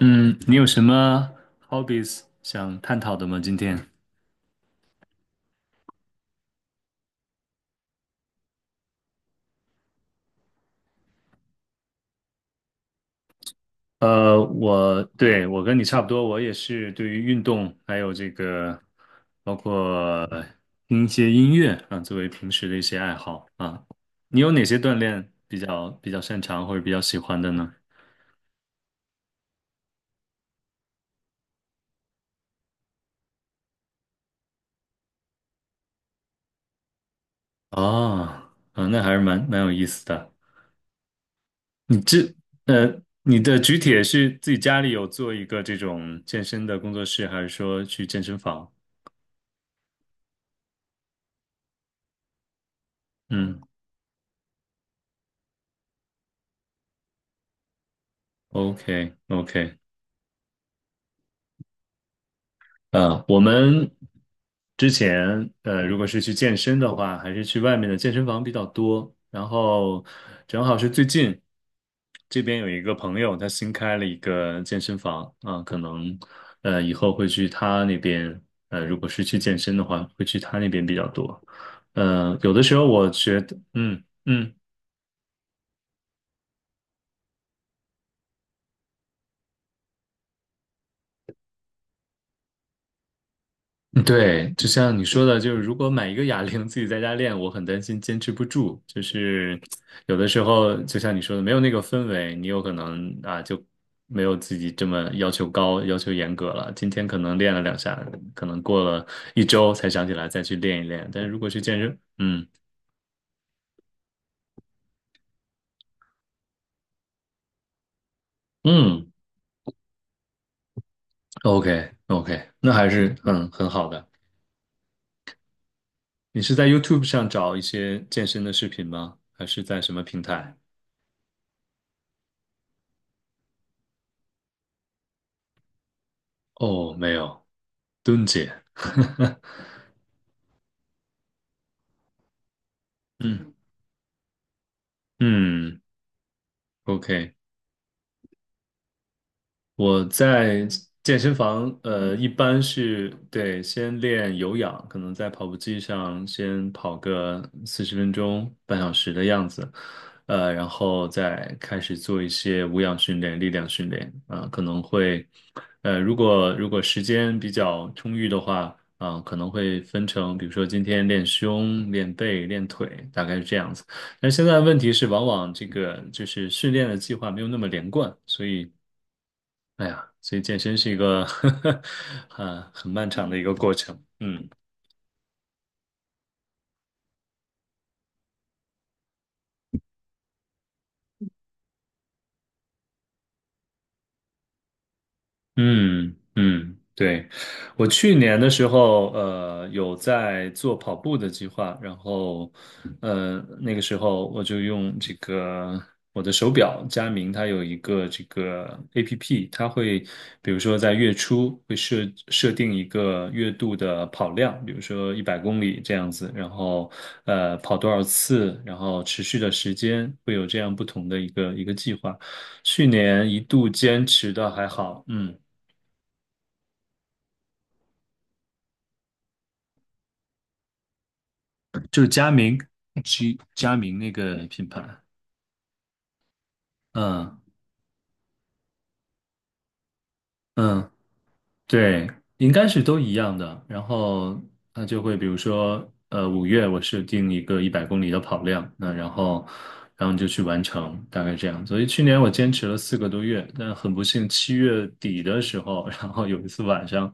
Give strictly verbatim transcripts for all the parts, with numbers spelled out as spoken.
嗯，你有什么 hobbies 想探讨的吗？今天？呃，我对我跟你差不多，我也是对于运动还有这个，包括听一些音乐啊，作为平时的一些爱好啊。你有哪些锻炼比较比较擅长或者比较喜欢的呢？哦，啊，那还是蛮蛮有意思的。你这呃，你的举铁是自己家里有做一个这种健身的工作室，还是说去健身房？嗯。OK OK，啊，我们之前呃，如果是去健身的话，还是去外面的健身房比较多。然后正好是最近这边有一个朋友，他新开了一个健身房啊，可能呃以后会去他那边。呃，如果是去健身的话，会去他那边比较多。呃，有的时候我觉得，嗯嗯嗯对，就像你说的，就是如果买一个哑铃自己在家练，我很担心坚持不住。就是有的时候，就像你说的，没有那个氛围，你有可能啊就没有自己这么要求高、要求严格了。今天可能练了两下，可能过了一周才想起来再去练一练。但是如果去健身，嗯嗯，OK OK，那还是嗯很好的。你是在 YouTube 上找一些健身的视频吗？还是在什么平台？哦，没有，蹲姐。嗯嗯，OK，我在健身房，呃，一般是对先练有氧，可能在跑步机上先跑个四十分钟、半小时的样子，呃，然后再开始做一些无氧训练、力量训练，啊、可能会，呃，如果如果时间比较充裕的话，啊、可能会分成，比如说今天练胸、练背、练腿，大概是这样子。但现在问题是，往往这个就是训练的计划没有那么连贯，所以。哎呀，所以健身是一个 啊很漫长的一个过程。嗯，嗯嗯，对，我去年的时候，呃，有在做跑步的计划，然后，呃，那个时候我就用这个我的手表佳明，它有一个这个 A P P，它会比如说在月初会设设定一个月度的跑量，比如说一百公里这样子，然后呃跑多少次，然后持续的时间，会有这样不同的一个一个计划。去年一度坚持的还好，嗯。就是佳明，G 佳明那个品牌，嗯嗯，对，应该是都一样的。然后它就会，比如说，呃，五月我设定一个一百公里的跑量，那然后，然后就去完成，大概这样。所以去年我坚持了四个多月，但很不幸，七月底的时候，然后有一次晚上，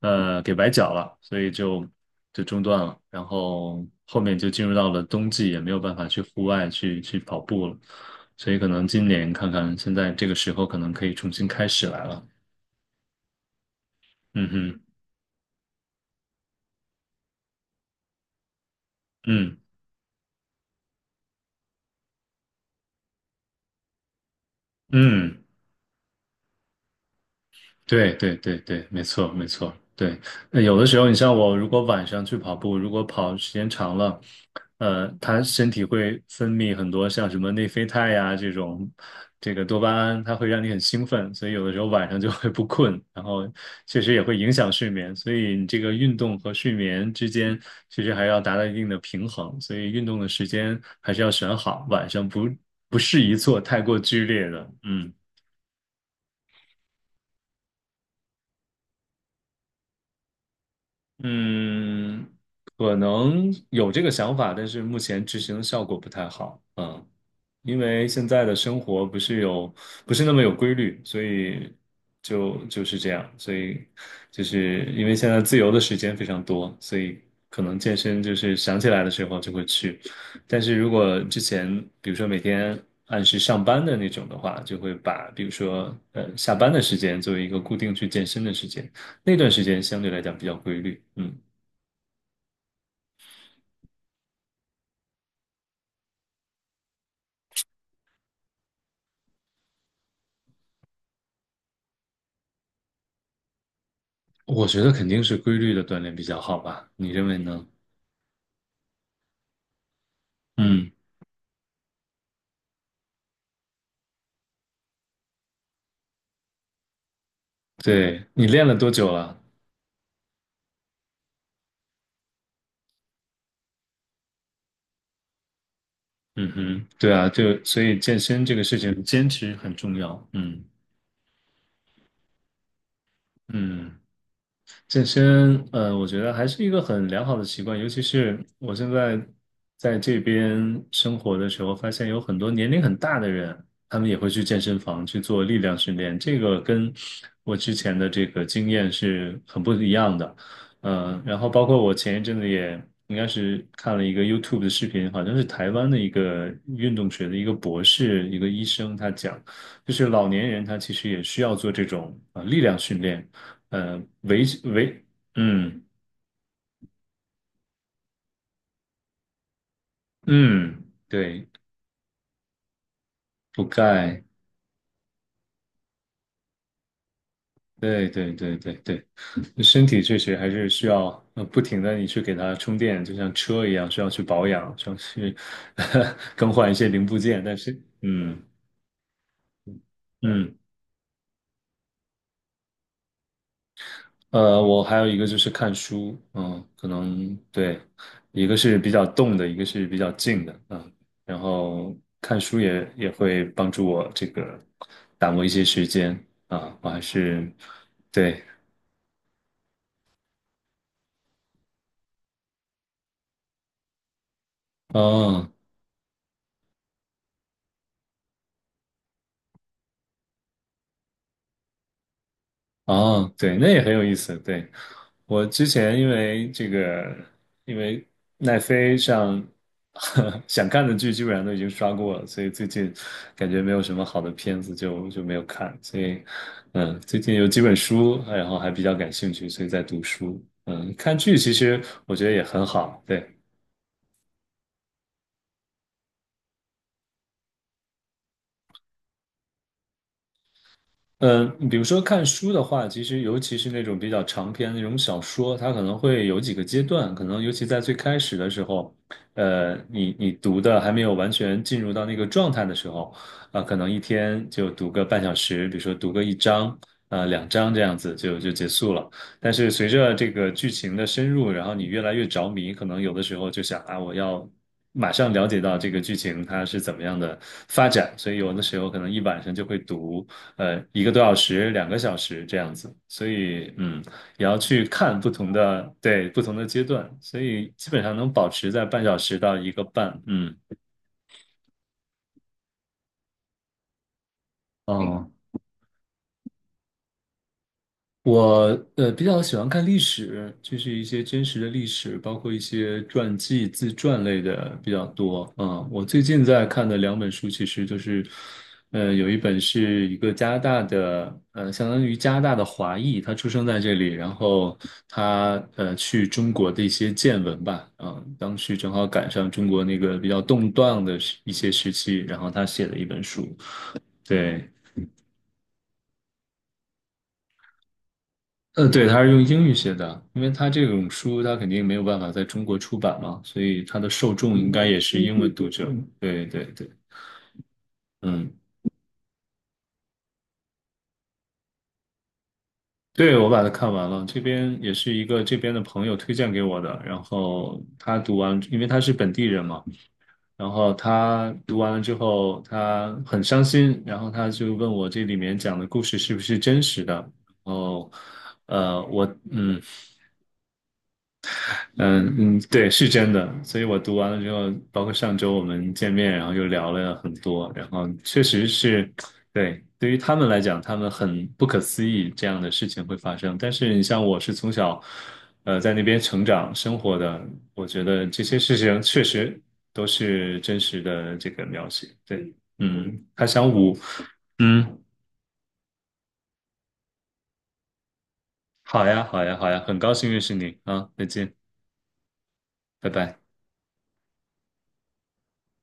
呃，给崴脚了，所以就就中断了。然后后面就进入到了冬季，也没有办法去户外去去跑步了。所以可能今年看看，现在这个时候可能可以重新开始来了。嗯哼，嗯。嗯，对对对对，没错没错，对。那有的时候，你像我，如果晚上去跑步，如果跑时间长了，呃，它身体会分泌很多像什么内啡肽呀、这种，这个多巴胺，它会让你很兴奋，所以有的时候晚上就会不困，然后确实也会影响睡眠，所以你这个运动和睡眠之间其实还要达到一定的平衡，所以运动的时间还是要选好，晚上不不适宜做太过剧烈的，嗯嗯，可能有这个想法，但是目前执行的效果不太好。嗯，因为现在的生活不是有，不是那么有规律，所以就就是这样。所以就是因为现在自由的时间非常多，所以可能健身就是想起来的时候就会去。但是如果之前，比如说每天按时上班的那种的话，就会把比如说呃下班的时间作为一个固定去健身的时间。那段时间相对来讲比较规律，嗯，我觉得肯定是规律的锻炼比较好吧，你认为呢？嗯，对，你练了多久了？嗯哼，对啊，就所以健身这个事情坚持很重要，嗯嗯。健身，呃，我觉得还是一个很良好的习惯，尤其是我现在在这边生活的时候，发现有很多年龄很大的人，他们也会去健身房去做力量训练，这个跟我之前的这个经验是很不一样的。呃，然后包括我前一阵子也应该是看了一个 YouTube 的视频，好像是台湾的一个运动学的一个博士，一个医生，他讲，就是老年人他其实也需要做这种呃力量训练。呃，维维，嗯嗯，对，补钙，对对对对对，身体确实还是需要呃不停的你去给它充电，就像车一样，需要去保养，需要去 更换一些零部件，但是，嗯嗯。呃，我还有一个就是看书，嗯，可能对，一个是比较动的，一个是比较静的，嗯，然后看书也也会帮助我这个打磨一些时间啊，我还是对，哦哦，对，那也很有意思，对，我之前因为这个，因为奈飞上 想看的剧基本上都已经刷过了，所以最近感觉没有什么好的片子就就没有看。所以，嗯，最近有几本书，然后还比较感兴趣，所以在读书。嗯，看剧其实我觉得也很好，对。嗯呃比如说看书的话，其实尤其是那种比较长篇的那种小说，它可能会有几个阶段，可能尤其在最开始的时候，呃，你你读的还没有完全进入到那个状态的时候，啊、可能一天就读个半小时，比如说读个一章，呃，两章这样子就就结束了。但是随着这个剧情的深入，然后你越来越着迷，可能有的时候就想啊，我要。马上了解到这个剧情它是怎么样的发展，所以有的时候可能一晚上就会读，呃一个多小时、两个小时这样子，所以嗯，也要去看不同的，对，不同的阶段，所以基本上能保持在半小时到一个半，嗯，嗯哦，我呃比较喜欢看历史，就是一些真实的历史，包括一些传记、自传类的比较多。嗯，我最近在看的两本书，其实就是，呃，有一本是一个加拿大的，呃，相当于加拿大的华裔，他出生在这里，然后他呃去中国的一些见闻吧。嗯，当时正好赶上中国那个比较动荡的时一些时期，然后他写了一本书。对。呃，对，他是用英语写的，因为他这种书他肯定没有办法在中国出版嘛，所以他的受众应该也是英文读者。对对对，嗯，对，我把它看完了，这边也是一个这边的朋友推荐给我的，然后他读完，因为他是本地人嘛，然后他读完了之后，他很伤心，然后他就问我这里面讲的故事是不是真实的，然后，呃，我嗯。嗯嗯，对，是真的。所以我读完了之后，包括上周我们见面，然后又聊了很多，然后确实是，对，对于他们来讲，他们很不可思议这样的事情会发生。但是你像我是从小，呃，在那边成长生活的，我觉得这些事情确实都是真实的这个描写。对，嗯，他想五，嗯，好呀，好呀，好呀，很高兴认识你啊，再见，拜拜。